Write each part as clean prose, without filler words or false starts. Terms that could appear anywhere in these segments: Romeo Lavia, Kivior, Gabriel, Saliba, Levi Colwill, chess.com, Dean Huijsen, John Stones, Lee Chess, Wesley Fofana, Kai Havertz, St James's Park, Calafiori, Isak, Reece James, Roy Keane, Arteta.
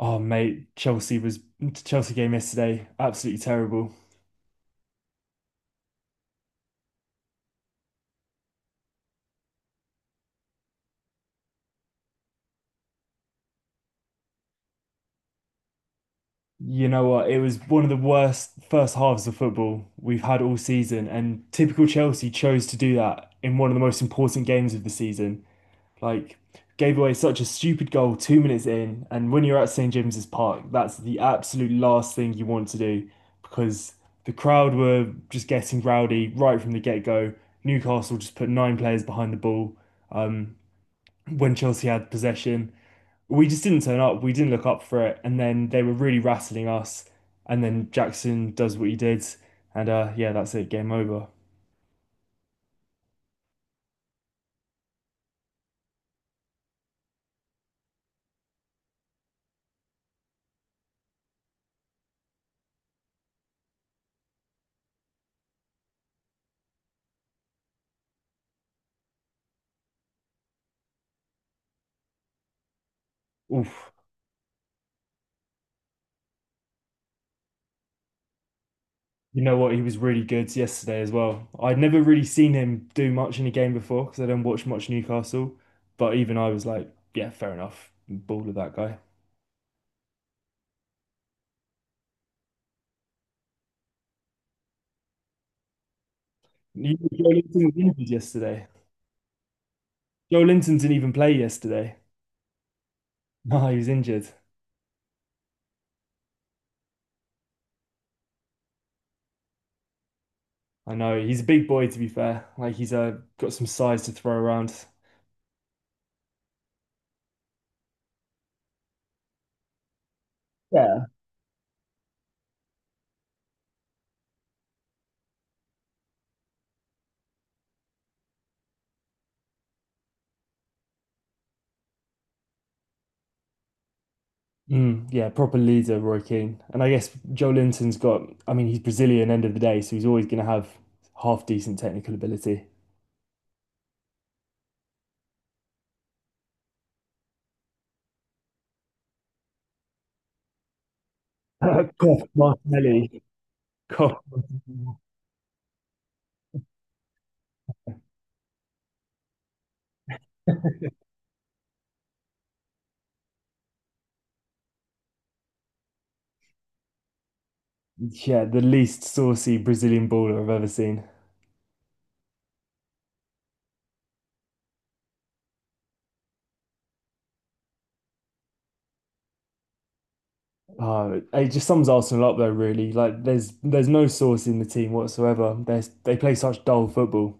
Oh mate, Chelsea game yesterday, absolutely terrible. You know what? It was one of the worst first halves of football we've had all season, and typical Chelsea chose to do that in one of the most important games of the season. Like, gave away such a stupid goal 2 minutes in, and when you're at St James's Park, that's the absolute last thing you want to do because the crowd were just getting rowdy right from the get-go. Newcastle just put nine players behind the ball um, when Chelsea had possession we just didn't turn up. We didn't look up for it, and then they were really rattling us. And then Jackson does what he did, and yeah, that's it. Game over. Oof. You know what? He was really good yesterday as well. I'd never really seen him do much in a game before because I don't watch much Newcastle. But even I was like, yeah, fair enough. Ball of that guy. Joe Linton was injured yesterday. Joe Linton didn't even play yesterday. No, he was injured. I know. He's a big boy, to be fair. Like he's got some size to throw around. Yeah. Mm, yeah, proper leader, Roy Keane. And I guess I mean, he's Brazilian end of the day, so he's always going to have half decent technical ability. Kof Martinelli. Kof. Yeah, the least saucy Brazilian baller I've ever seen. It just sums Arsenal up though, really. Like there's no sauce in the team whatsoever. They play such dull football.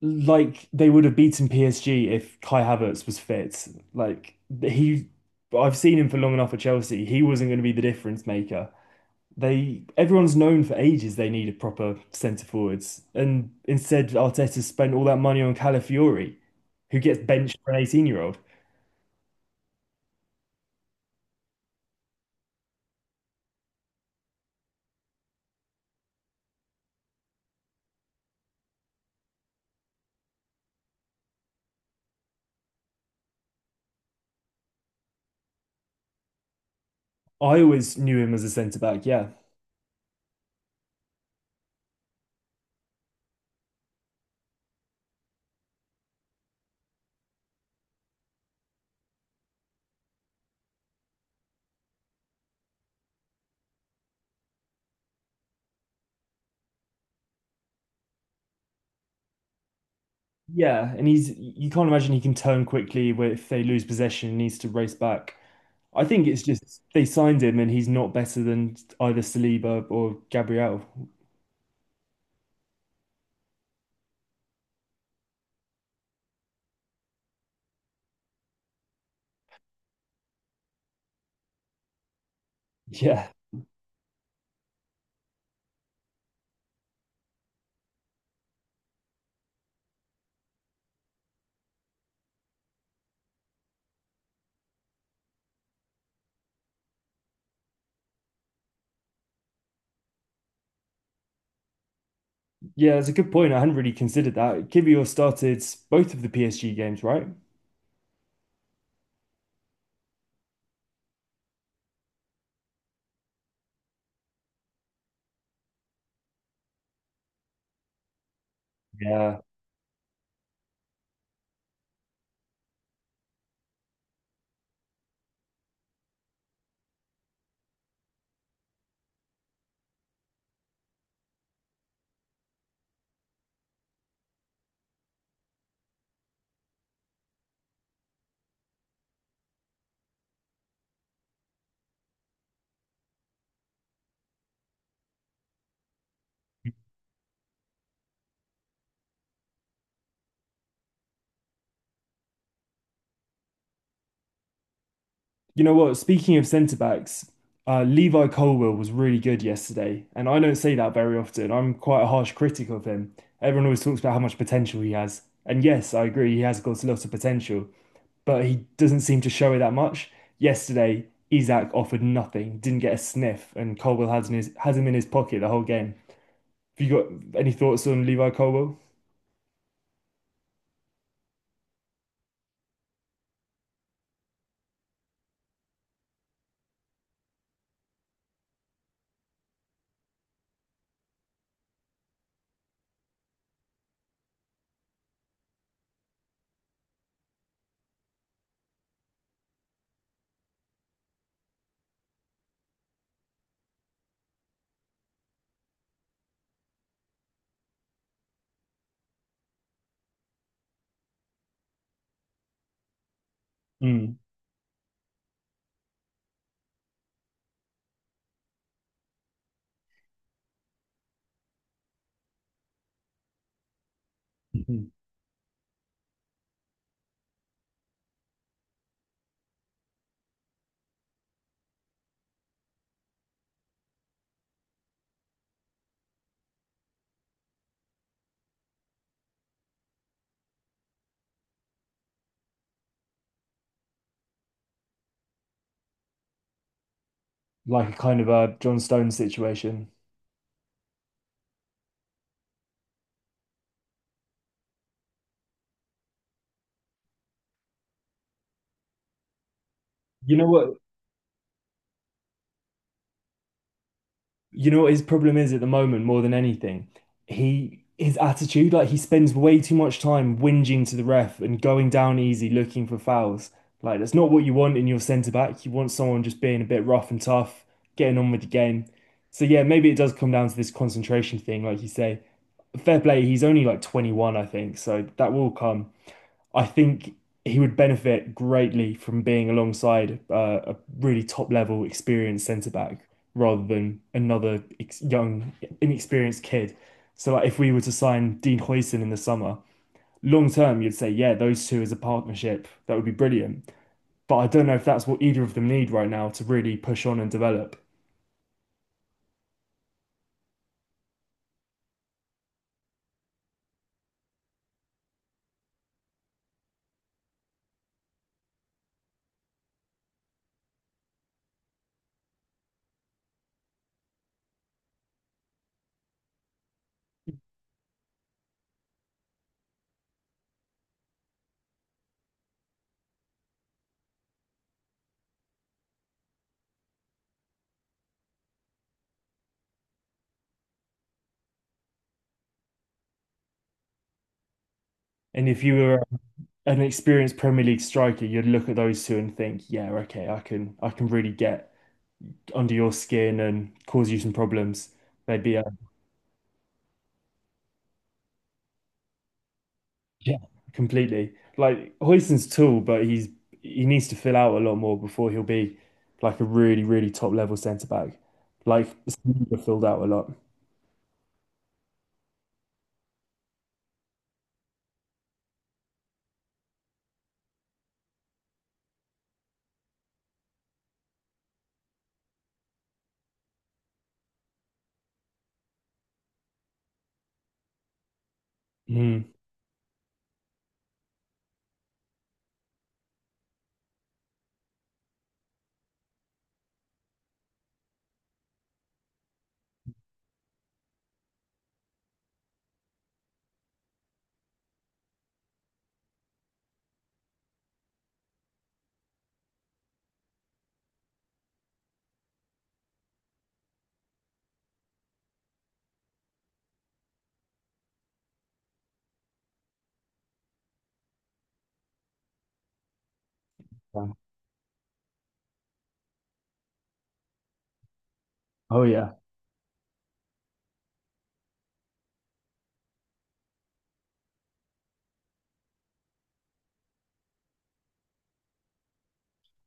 Like they would have beaten PSG if Kai Havertz was fit. Like he, I've seen him for long enough at Chelsea. He wasn't going to be the difference maker. Everyone's known for ages they needed proper centre forwards, and instead Arteta spent all that money on Calafiori, who gets benched for an 18-year-old. I always knew him as a centre back. Yeah, yeah, and he's you can't imagine he can turn quickly where if they lose possession, he needs to race back. I think it's just they signed him and he's not better than either Saliba or Gabriel. Yeah, yeah, that's a good point. I hadn't really considered that. Kivior started both of the PSG games, right? Yeah. You know what? Speaking of centre backs, Levi Colwill was really good yesterday, and I don't say that very often. I'm quite a harsh critic of him. Everyone always talks about how much potential he has, and yes, I agree, he has got a lot of potential. But he doesn't seem to show it that much. Yesterday, Isak offered nothing, didn't get a sniff, and Colwill has him in his pocket the whole game. Have you got any thoughts on Levi Colwill? Mm. Mhm. Like a kind of a John Stones situation. You know what? You know what his problem is at the moment, more than anything? He his attitude, like he spends way too much time whinging to the ref and going down easy looking for fouls. Like that's not what you want in your centre back. You want someone just being a bit rough and tough, getting on with the game. So yeah, maybe it does come down to this concentration thing, like you say. Fair play, he's only like 21, I think, so that will come. I think he would benefit greatly from being alongside a really top level experienced centre back rather than another ex young inexperienced kid. So like if we were to sign Dean Huijsen in the summer, long term you'd say yeah those two as a partnership that would be brilliant. But I don't know if that's what either of them need right now to really push on and develop. And if you were an experienced Premier League striker, you'd look at those two and think, yeah, okay, I can really get under your skin and cause you some problems. They'd be yeah, completely like Huijsen's tall, but he needs to fill out a lot more before he'll be like a really, really top level centre back. Like Saliba filled out a lot. Mm. Yeah. Oh yeah.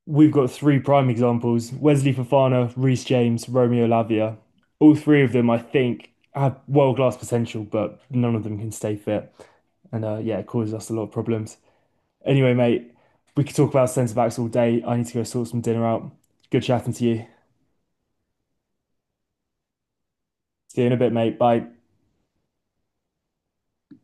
We've got three prime examples: Wesley Fofana, Reece James, Romeo Lavia. All three of them, I think, have world class potential, but none of them can stay fit, and yeah, it causes us a lot of problems. Anyway, mate, we could talk about centre backs all day. I need to go sort some dinner out. Good chatting to you. See you in a bit, mate. Bye.